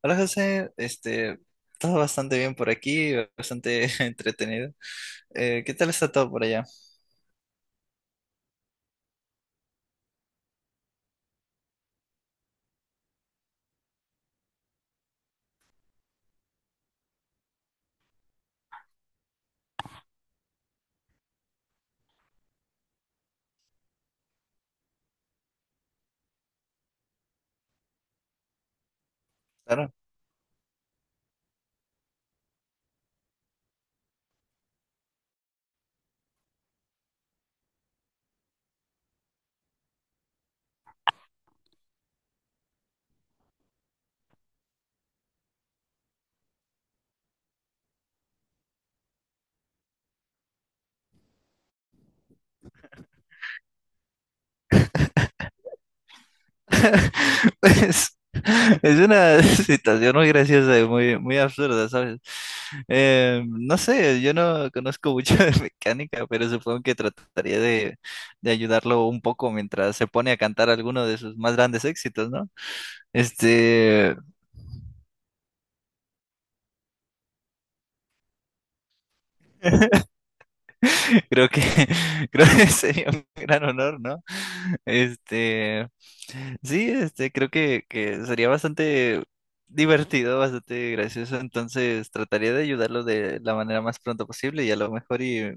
Hola José, todo bastante bien por aquí, bastante entretenido. ¿Qué tal está todo por allá? Claro. Pues es una situación muy graciosa y muy, muy absurda, ¿sabes? No sé, yo no conozco mucho de mecánica, pero supongo que trataría de ayudarlo un poco mientras se pone a cantar alguno de sus más grandes éxitos, ¿no? Este, Creo que, Creo que sería un gran honor, ¿no? Este, sí, creo que sería bastante divertido, bastante gracioso. Entonces, trataría de ayudarlo de la manera más pronto posible y a lo mejor y,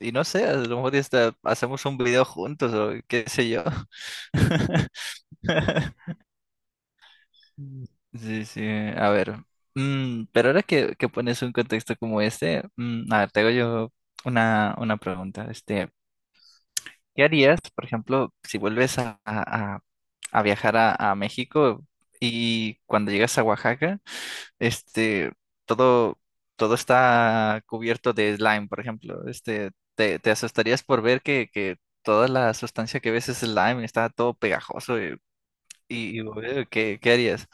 y no sé, a lo mejor y hasta hacemos un video juntos o qué sé yo. Sí, sí, a ver. Pero ahora que pones un contexto como este, a ver, te hago yo una pregunta. ¿Qué harías, por ejemplo, si vuelves a viajar a México y cuando llegas a Oaxaca, este, todo, todo está cubierto de slime, por ejemplo? Te asustarías por ver que toda la sustancia que ves es slime, está todo pegajoso. ¿Qué harías?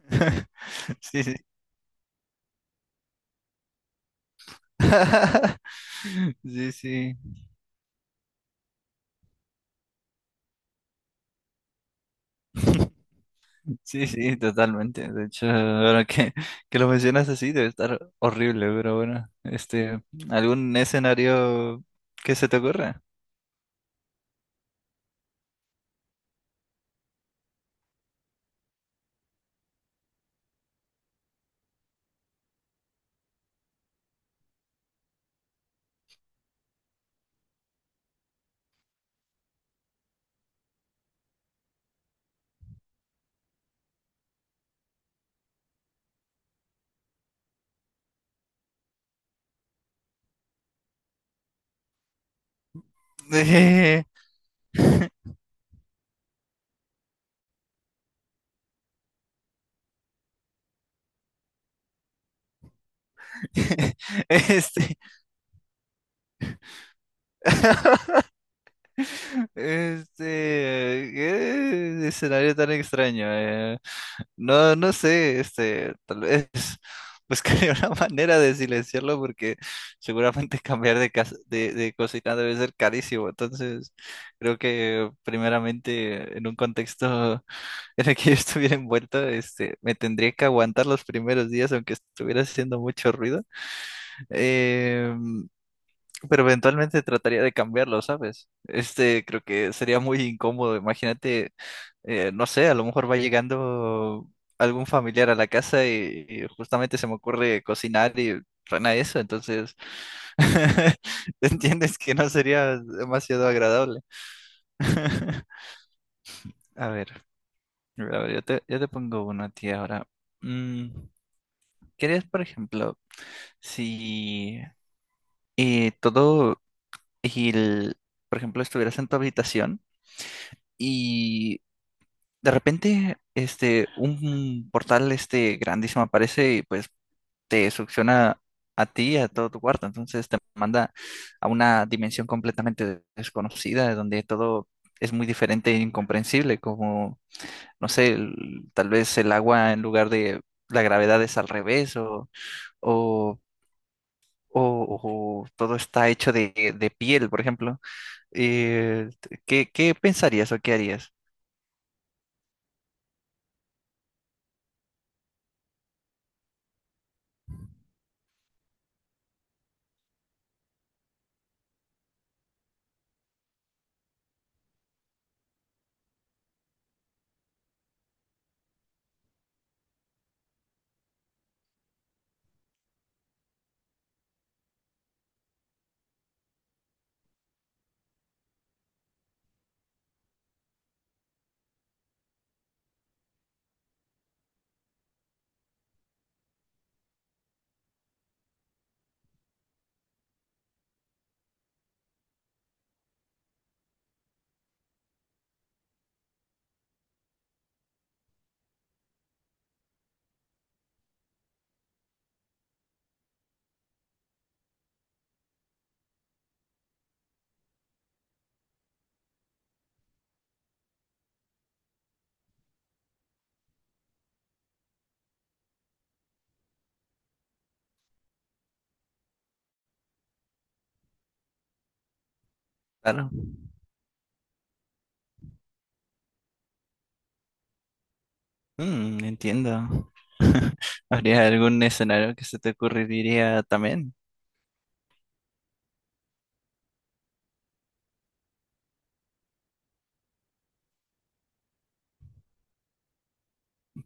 Sí, sí. Sí, sí. Sí, sí, totalmente. De hecho, ahora que lo mencionas así, debe estar horrible, pero bueno, ¿algún escenario que se te ocurra? Eh, Este, este, qué escenario tan extraño. No, no sé, tal vez buscaré una manera de silenciarlo porque seguramente cambiar de cocina debe ser carísimo. Entonces, creo que primeramente en un contexto en el que yo estuviera envuelto, me tendría que aguantar los primeros días aunque estuviera haciendo mucho ruido. Em, pero eventualmente trataría de cambiarlo, ¿sabes? Creo que sería muy incómodo. Imagínate, no sé, a lo mejor va llegando algún familiar a la casa y justamente se me ocurre cocinar y suena eso, entonces entiendes que no sería demasiado agradable. A ver, a ver, yo te pongo uno a ti ahora. Mm, ¿querías, por ejemplo, si eh, todo el, por ejemplo, estuvieras en tu habitación? Y de repente un portal grandísimo aparece y pues te succiona a ti y a todo tu cuarto, entonces te manda a una dimensión completamente desconocida donde todo es muy diferente e incomprensible, como no sé, tal vez el agua en lugar de la gravedad es al revés o o- o todo está hecho de piel, por ejemplo. Eh, ¿Qué pensarías o qué harías? Claro. Entiendo. ¿Habría algún escenario que se te ocurriría también?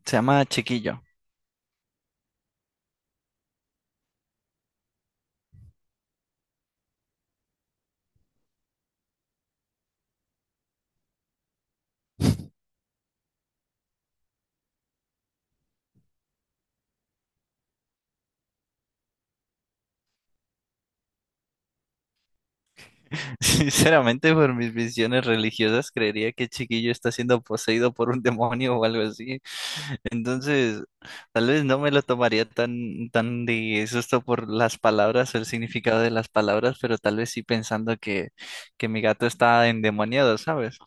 Se llama Chiquillo. Sinceramente, por mis visiones religiosas, creería que Chiquillo está siendo poseído por un demonio o algo así. Entonces, tal vez no me lo tomaría tan, tan de susto por las palabras o el significado de las palabras, pero tal vez sí pensando que mi gato está endemoniado, ¿sabes?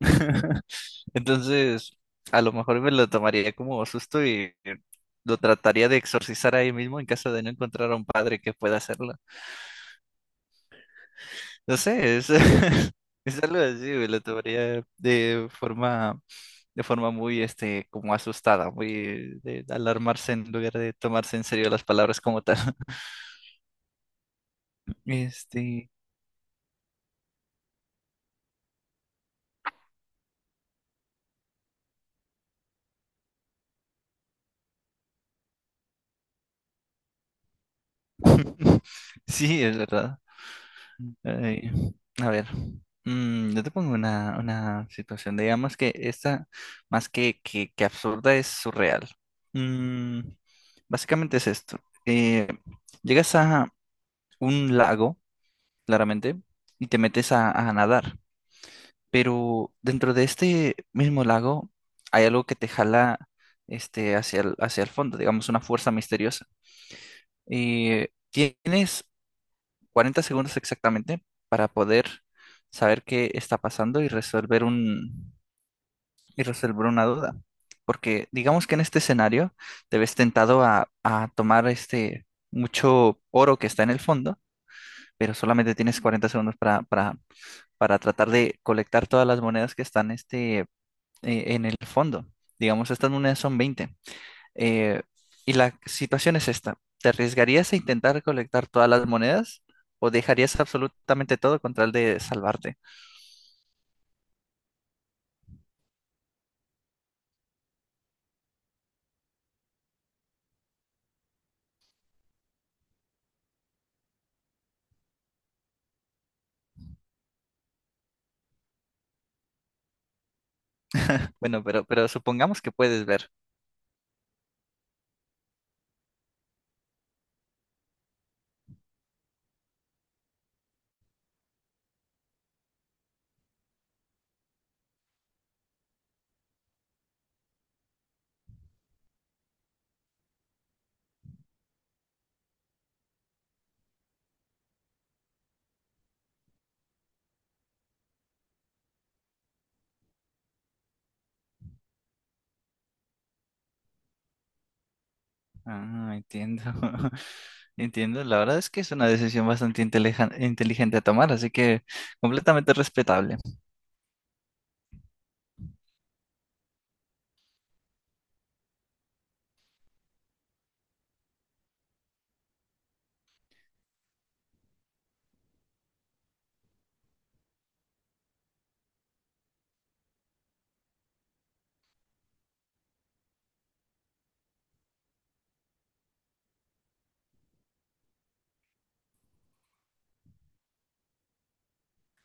Entonces, a lo mejor me lo tomaría como susto y lo trataría de exorcizar ahí mismo en caso de no encontrar a un padre que pueda hacerlo. No sé, es algo así, güey, lo tomaría de forma muy, como asustada, muy de alarmarse en lugar de tomarse en serio las palabras como tal. Este, sí, es verdad. Ay, a ver, yo te pongo una situación, digamos que esta, más que absurda, es surreal. Mm, Básicamente es esto. Eh, Llegas a un lago. Claramente, y te metes a nadar. Pero dentro de este mismo lago hay algo que te jala, hacia el fondo, digamos, una fuerza misteriosa. Y tienes 40 segundos exactamente para poder saber qué está pasando y resolver una duda. Porque digamos que en este escenario te ves tentado a tomar mucho oro que está en el fondo, pero solamente tienes 40 segundos para tratar de colectar todas las monedas que están en el fondo. Digamos, estas monedas son 20. Eh, y la situación es esta. ¿Te arriesgarías a intentar recolectar todas las monedas o dejarías absolutamente todo con tal de salvarte? Bueno, pero supongamos que puedes ver. Ah, entiendo. Entiendo. La verdad es que es una decisión bastante inteligente a tomar, así que completamente respetable.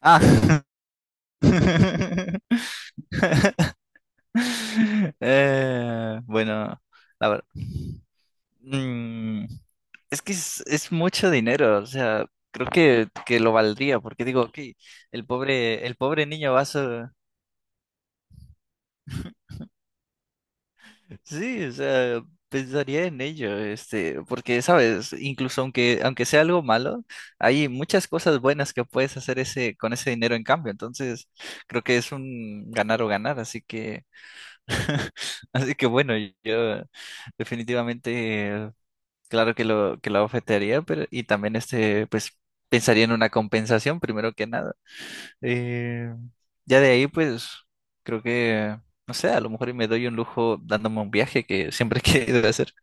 Ah. Bueno, a ver. Mm, es que es mucho dinero, o sea, creo que lo valdría, porque digo, ok, el pobre niño. Sí, o sea, pensaría en ello, porque, sabes, incluso aunque sea algo malo, hay muchas cosas buenas que puedes hacer con ese dinero en cambio, entonces creo que es un ganar o ganar, así que bueno, yo definitivamente. Claro que lo ofertaría, pero y también pues pensaría en una compensación primero que nada. Eh, ya de ahí, pues creo que, no sé, a lo mejor y me doy un lujo dándome un viaje que siempre he querido hacer.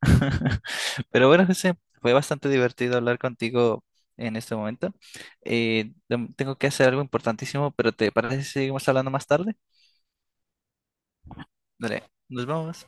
Pero bueno, José, fue bastante divertido hablar contigo en este momento. Tengo que hacer algo importantísimo, pero ¿te parece si seguimos hablando más tarde? Dale, nos vemos.